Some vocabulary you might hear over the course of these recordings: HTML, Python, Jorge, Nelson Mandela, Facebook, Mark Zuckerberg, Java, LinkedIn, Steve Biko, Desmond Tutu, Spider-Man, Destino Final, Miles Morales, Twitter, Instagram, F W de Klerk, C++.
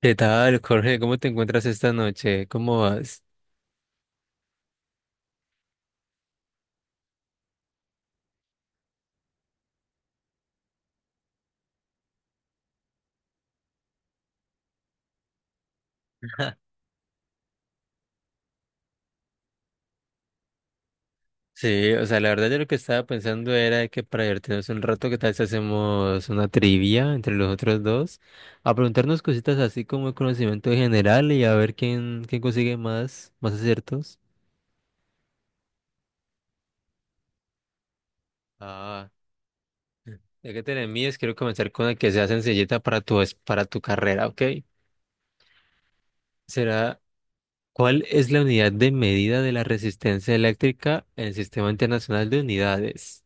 ¿Qué tal, Jorge? ¿Cómo te encuentras esta noche? ¿Cómo vas? Sí, o sea, la verdad yo lo que estaba pensando era que para divertirnos un rato, ¿qué tal si hacemos una trivia entre los otros dos? A preguntarnos cositas así como el conocimiento general y a ver quién, quién consigue más, más aciertos. Ah, ya que te la mides, quiero comenzar con la que sea sencillita para tu, para tu carrera, ¿ok? Será, ¿cuál es la unidad de medida de la resistencia eléctrica en el Sistema Internacional de Unidades?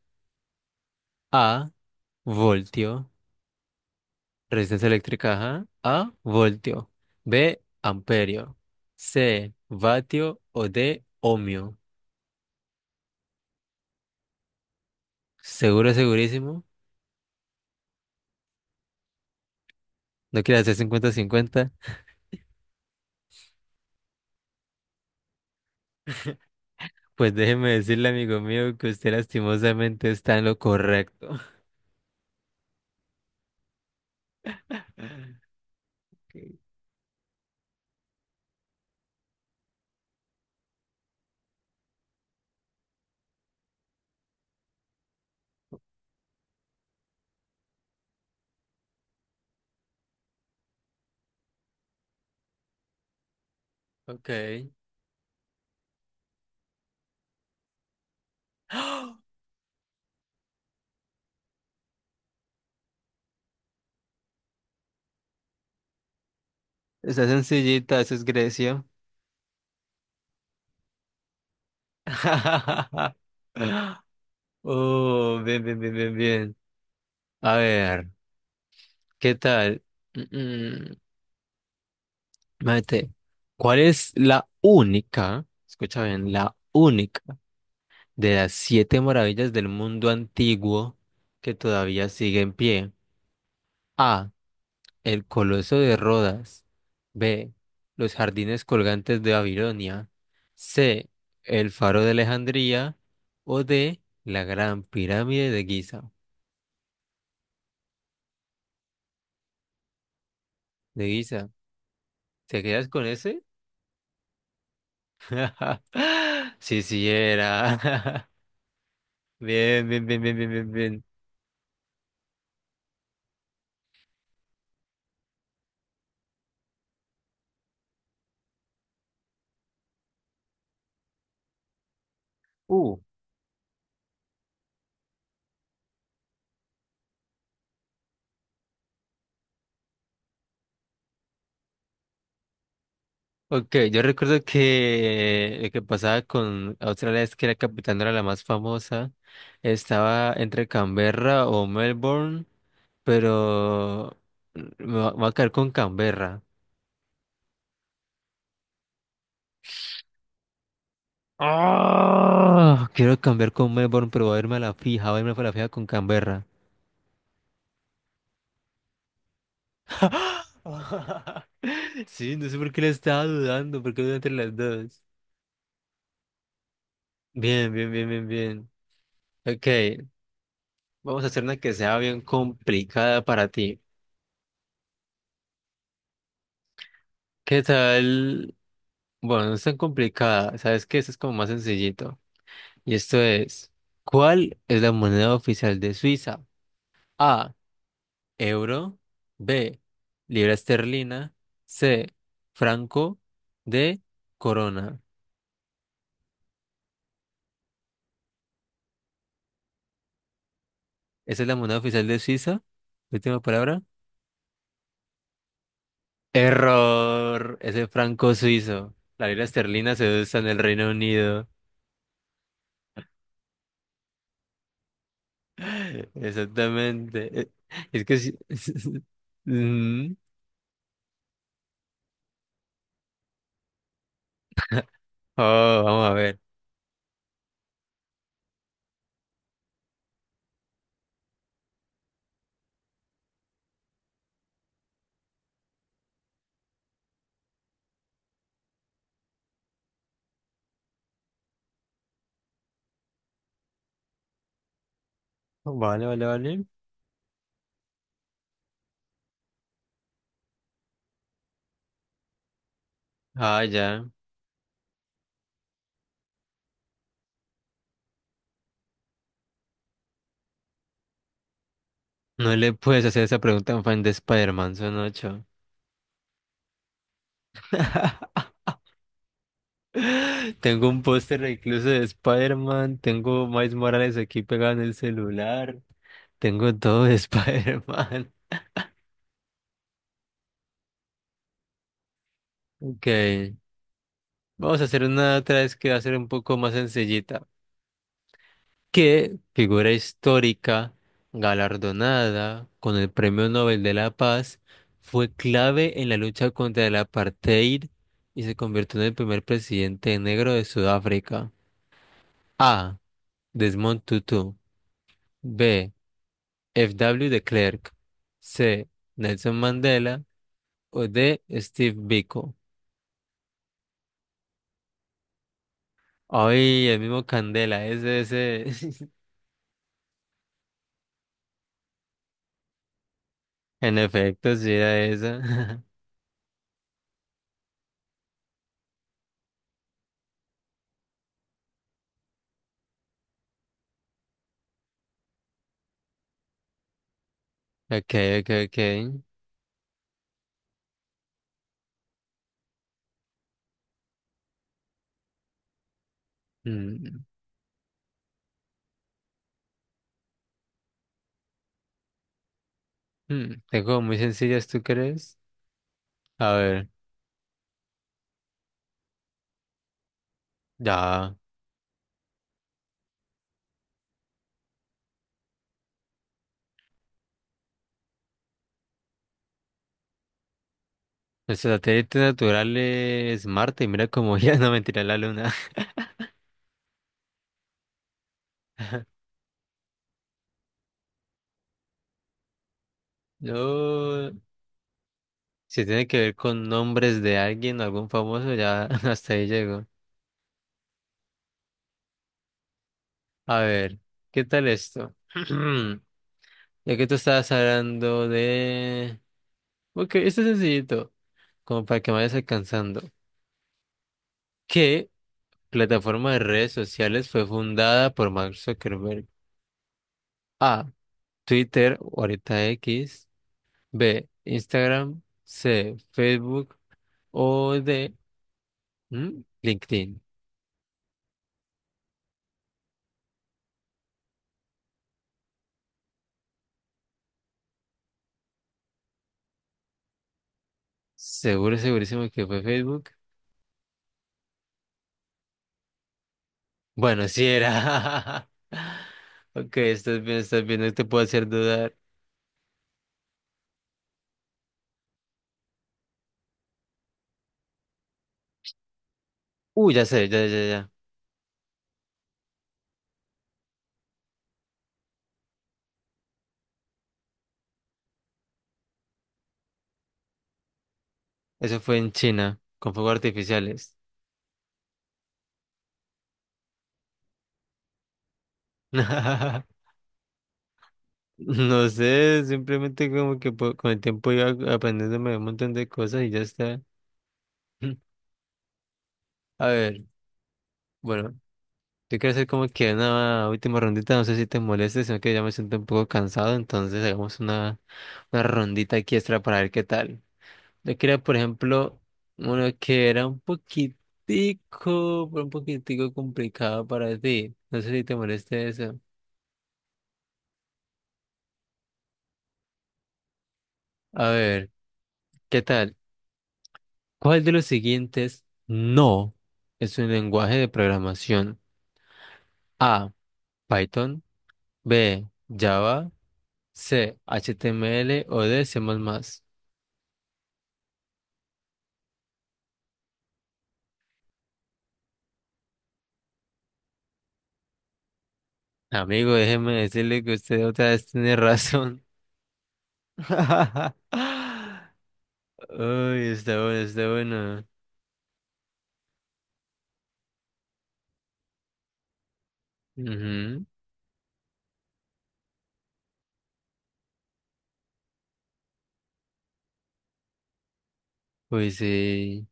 A, voltio, resistencia eléctrica, ajá. A, voltio. B, amperio. C, vatio o D, ohmio. Seguro, segurísimo. No quiere hacer cincuenta cincuenta. Pues déjeme decirle, amigo mío, que usted lastimosamente está en lo correcto. Ok. ¡Ah! Está sencillita, eso es Grecia. Oh, bien, bien, bien, bien, bien. A ver, ¿qué tal? Mate, ¿cuál es la única, escucha bien, la única de las siete maravillas del mundo antiguo que todavía sigue en pie? A, El Coloso de Rodas. B, Los jardines colgantes de Babilonia. C, El Faro de Alejandría. O D, La Gran Pirámide de Giza. De Giza. ¿Te quedas con ese? Sí, sí era. Bien, bien, bien, bien, bien, bien, bien. Uh, Ok, yo recuerdo que lo que pasaba con Australia es que la capital no era la más famosa. Estaba entre Canberra o Melbourne, pero me voy a caer con Canberra. ¡Ah! Quiero cambiar con Melbourne, pero voy a irme a la fija, voy a irme a la fija con Canberra. Sí, no sé por qué le estaba dudando, porque dudé entre las dos. Bien, bien, bien, bien, bien. Ok, vamos a hacer una que sea bien complicada para ti. ¿Qué tal? Bueno, no es tan complicada. ¿Sabes qué? Esto es como más sencillito. Y esto es, ¿cuál es la moneda oficial de Suiza? A, euro, B, libra esterlina, C, franco, D, corona. ¿Esa es la moneda oficial de Suiza? Última palabra. Error. Es el franco suizo. La libra esterlina se usa en el Reino Unido. Exactamente. Es que sí. Ujú. Oh, vamos a ver. Vale, vale, vale. Ah, ya. No le puedes hacer esa pregunta a un fan de Spider-Man, son ocho. Tengo un póster incluso de Spider-Man. Tengo Miles Morales aquí pegado en el celular. Tengo todo de Spider-Man. Ok. Vamos a hacer una otra vez que va a ser un poco más sencillita. Que figura histórica, galardonada con el Premio Nobel de la Paz, fue clave en la lucha contra el apartheid y se convirtió en el primer presidente negro de Sudáfrica. A, Desmond Tutu. B, F W de Klerk. C, Nelson Mandela. O D, Steve Biko. Ay, el mismo Candela, ese, ese. En efecto, sí era esa. Ok, ok, ok. Mm. Mm, tengo muy sencillas, ¿tú crees? A ver, ya. Nuestro satélite natural es Marte y mira cómo ya no, mentira, la luna. No, si tiene que ver con nombres de alguien, algún famoso, ya hasta ahí llego. A ver, ¿qué tal esto? Ya que tú estabas hablando de... Ok, esto es sencillito, como para que me vayas alcanzando. ¿Qué plataforma de redes sociales fue fundada por Mark Zuckerberg? A, Twitter, o ahorita X. B, Instagram. C, Facebook. O D, ¿mm? LinkedIn. Seguro, segurísimo que fue Facebook. Bueno, sí era. Ok, estás bien, no te puedo hacer dudar. Ya sé, ya, ya, ya. Eso fue en China, con fuegos artificiales. No sé, simplemente como que con el tiempo iba aprendiéndome un montón de cosas y ya está. A ver, bueno. Yo quiero hacer como que una última rondita, no sé si te moleste, sino que ya me siento un poco cansado, entonces hagamos una, rondita aquí extra para ver qué tal. Yo quería, por ejemplo, uno que era un poquitico, pero un poquitico complicado para ti. No sé si te moleste eso. A ver, ¿qué tal? ¿Cuál de los siguientes no es un lenguaje de programación? A, Python, B, Java, C, HTML o D, C++. Amigo, déjeme decirle que usted otra vez tiene razón. Uy, está bueno, está bueno. Ujú. Uy, sí.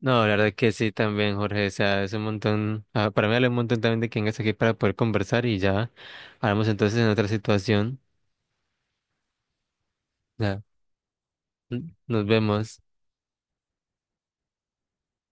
No, la verdad que sí también, Jorge. O sea, es un montón. Para mí vale un montón también de que vengas aquí para poder conversar y ya hablamos entonces en otra situación. Ya. Nos vemos.